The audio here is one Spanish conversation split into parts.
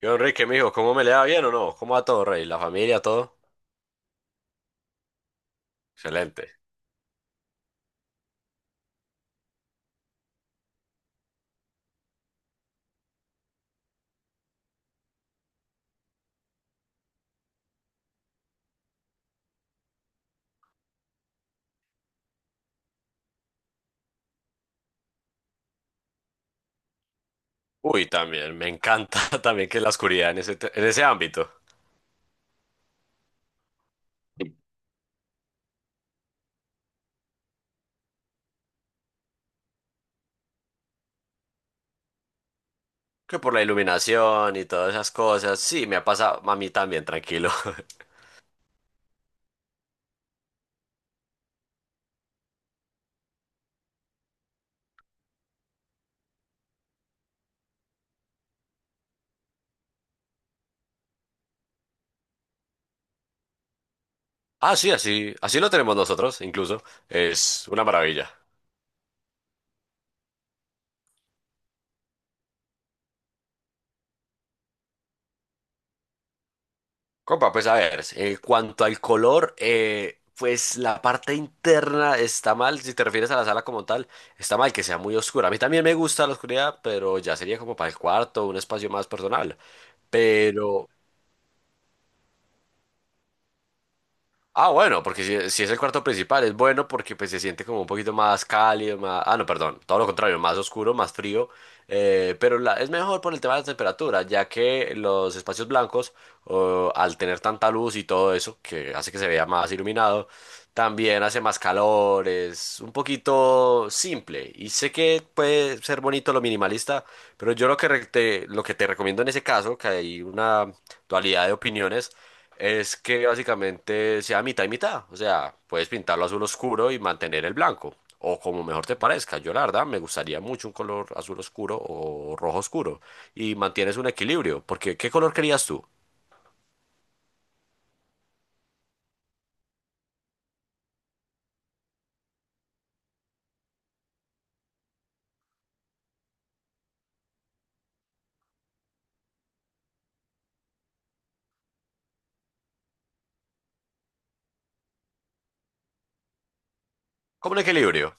Yo, Enrique, mijo, ¿cómo me le va bien o no? ¿Cómo va todo, rey? ¿La familia, todo? Excelente. Uy, también, me encanta también que la oscuridad en ese, en ese ámbito. Que por la iluminación y todas esas cosas. Sí, me ha pasado a mí también, tranquilo. Ah, sí, así, así lo tenemos nosotros, incluso. Es una maravilla. Compa, pues a ver, en cuanto al color, pues la parte interna está mal, si te refieres a la sala como tal, está mal que sea muy oscura. A mí también me gusta la oscuridad, pero ya sería como para el cuarto, un espacio más personal. Pero, Ah, bueno, porque si, si es el cuarto principal, es bueno porque pues se siente como un poquito más cálido, más... Ah, no, perdón, todo lo contrario, más oscuro, más frío, pero es mejor por el tema de la temperatura, ya que los espacios blancos, o, al tener tanta luz y todo eso, que hace que se vea más iluminado, también hace más calor, es un poquito simple. Y sé que puede ser bonito lo minimalista, pero yo lo que lo que te recomiendo en ese caso, que hay una dualidad de opiniones, es que básicamente sea mitad y mitad. O sea, puedes pintarlo azul oscuro y mantener el blanco. O como mejor te parezca. Yo la verdad me gustaría mucho un color azul oscuro o rojo oscuro. Y mantienes un equilibrio. Porque ¿qué color querías tú? Como un equilibrio.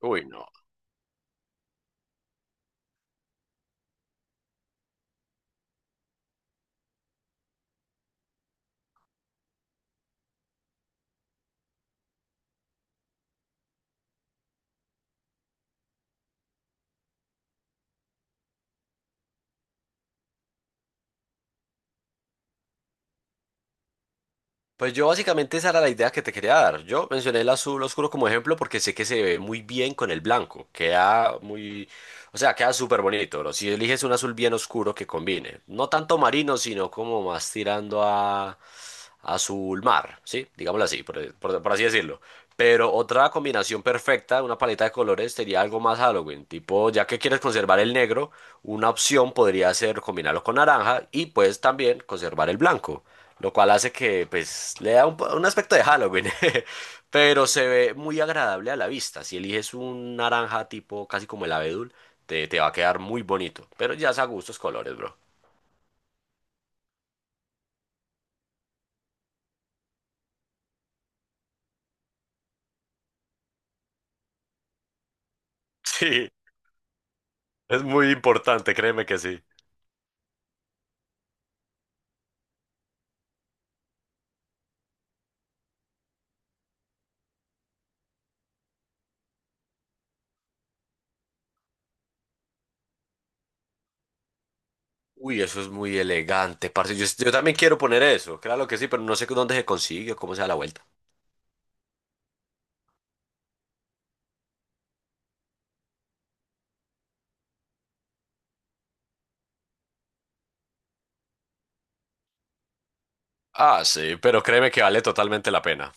Uy, no. Pues yo básicamente esa era la idea que te quería dar. Yo mencioné el azul oscuro como ejemplo porque sé que se ve muy bien con el blanco. Queda muy, o sea, queda súper bonito, bro. Si eliges un azul bien oscuro que combine. No tanto marino, sino como más tirando a azul mar, ¿sí? Digámoslo así, por así decirlo. Pero otra combinación perfecta, una paleta de colores, sería algo más Halloween. Tipo, ya que quieres conservar el negro, una opción podría ser combinarlo con naranja y pues también conservar el blanco. Lo cual hace que, pues, le da un, un aspecto de Halloween, pero se ve muy agradable a la vista. Si eliges un naranja tipo casi como el abedul, te va a quedar muy bonito. Pero ya es a gustos colores, bro. Sí, es muy importante, créeme que sí. Uy, eso es muy elegante, parce. Yo también quiero poner eso, claro que sí, pero no sé dónde se consigue o cómo se da la vuelta. Ah, sí, pero créeme que vale totalmente la pena.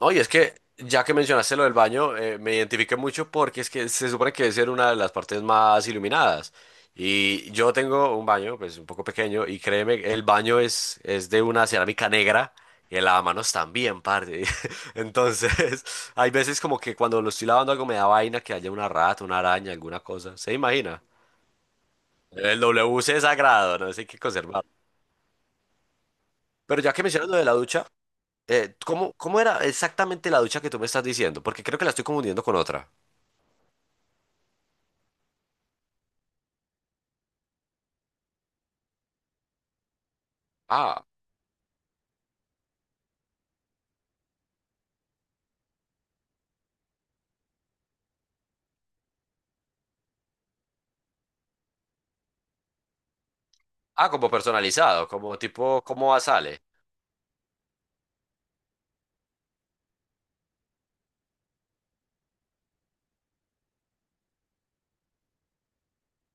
No, y es que ya que mencionaste lo del baño, me identifiqué mucho porque es que se supone que debe ser una de las partes más iluminadas. Y yo tengo un baño, pues un poco pequeño, y créeme, el baño es de una cerámica negra y el lavamanos también, parte. Entonces, hay veces como que cuando lo estoy lavando algo me da vaina que haya una rata, una araña, alguna cosa. ¿Se imagina? El WC es sagrado, no sé qué conservar. Pero ya que mencionas lo de la ducha, ¿cómo, cómo era exactamente la ducha que tú me estás diciendo? Porque creo que la estoy confundiendo con otra. Ah, ah, como personalizado, como tipo, ¿cómo sale?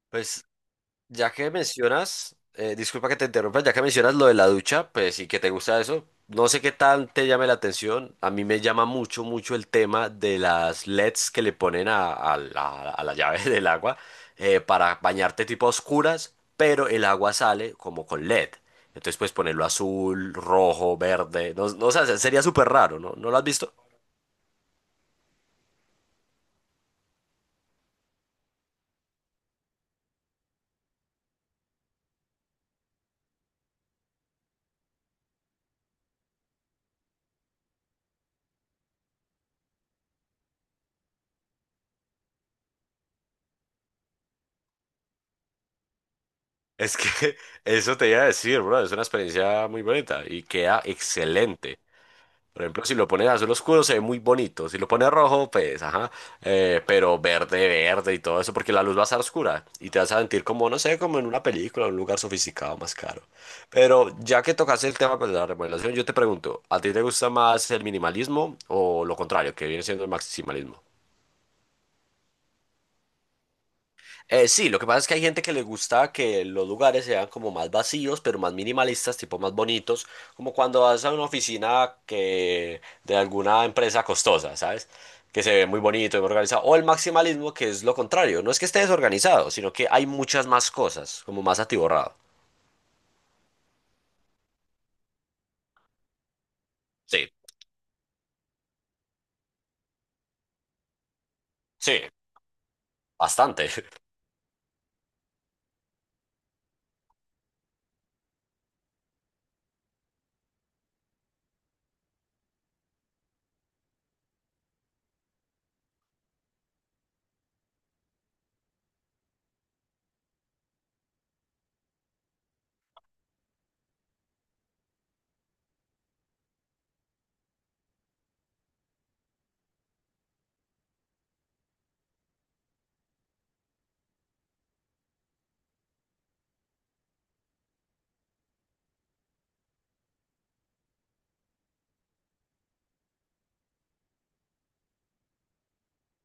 Pues ya que mencionas, disculpa que te interrumpa, ya que mencionas lo de la ducha, pues sí que te gusta eso, no sé qué tal te llame la atención, a mí me llama mucho, mucho el tema de las LEDs que le ponen a la llave del agua para bañarte tipo a oscuras, pero el agua sale como con LED. Entonces puedes ponerlo azul, rojo, verde, no, no, o sea, sería súper raro, ¿no? ¿No lo has visto? Es que eso te iba a decir, bro, es una experiencia muy bonita y queda excelente. Por ejemplo, si lo pones azul oscuro se ve muy bonito, si lo pones rojo, pues, ajá, pero verde, verde y todo eso, porque la luz va a estar oscura y te vas a sentir como, no sé, como en una película, en un lugar sofisticado, más caro. Pero ya que tocaste el tema pues, de la remodelación, yo te pregunto, ¿a ti te gusta más el minimalismo o lo contrario, que viene siendo el maximalismo? Sí, lo que pasa es que hay gente que le gusta que los lugares sean como más vacíos, pero más minimalistas, tipo más bonitos, como cuando vas a una oficina que de alguna empresa costosa, ¿sabes? Que se ve muy bonito y muy organizado. O el maximalismo, que es lo contrario. No es que esté desorganizado, sino que hay muchas más cosas, como más atiborrado. Sí, sí, bastante.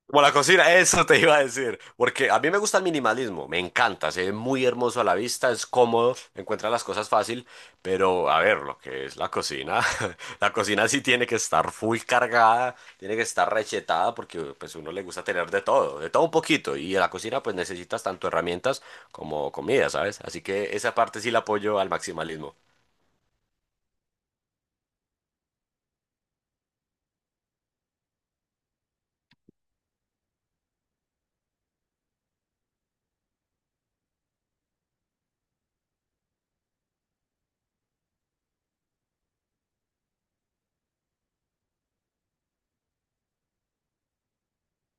Como la cocina, eso te iba a decir. Porque a mí me gusta el minimalismo, me encanta, se ve muy hermoso a la vista, es cómodo, encuentra las cosas fácil, pero a ver, lo que es la cocina, la cocina sí tiene que estar full cargada, tiene que estar rechetada, porque pues uno le gusta tener de todo un poquito, y en la cocina pues necesitas tanto herramientas como comida, ¿sabes? Así que esa parte sí la apoyo al maximalismo.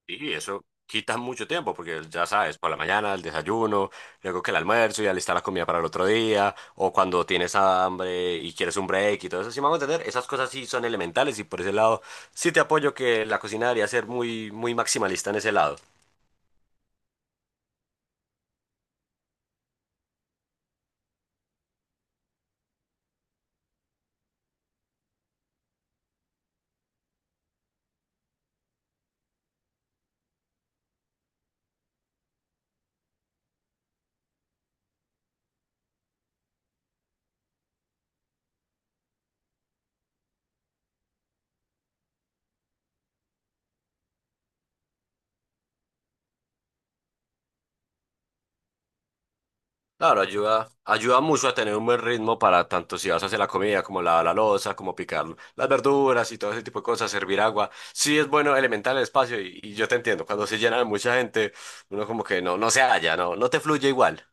Y eso quita mucho tiempo, porque ya sabes, por la mañana el desayuno, luego que el almuerzo y alistar la comida para el otro día, o cuando tienes hambre y quieres un break y todo eso, sí vamos a entender, esas cosas sí son elementales y por ese lado sí te apoyo que la cocina debería ser muy, muy maximalista en ese lado. Claro, ayuda, ayuda mucho a tener un buen ritmo para tanto si vas a hacer la comida, como lavar la loza, como picar las verduras y todo ese tipo de cosas, servir agua. Sí es bueno elementar el espacio y yo te entiendo, cuando se llena de mucha gente, uno como que no, no se halla, no, no te fluye igual.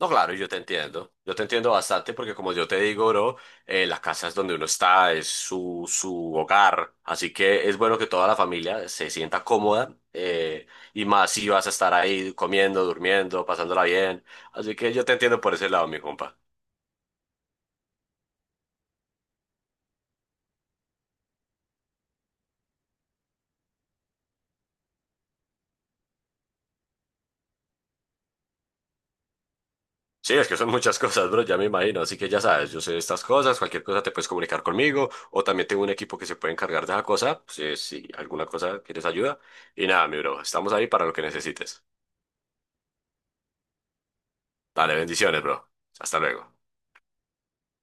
No, claro, yo te entiendo. Yo te entiendo bastante porque como yo te digo, bro, la casa es donde uno está, es su, su hogar. Así que es bueno que toda la familia se sienta cómoda y más si vas a estar ahí comiendo, durmiendo, pasándola bien. Así que yo te entiendo por ese lado, mi compa. Sí, es que son muchas cosas, bro, ya me imagino. Así que ya sabes, yo sé de estas cosas, cualquier cosa te puedes comunicar conmigo o también tengo un equipo que se puede encargar de esa cosa. Si, si alguna cosa quieres ayuda. Y nada, mi bro, estamos ahí para lo que necesites. Dale, bendiciones, bro. Hasta luego.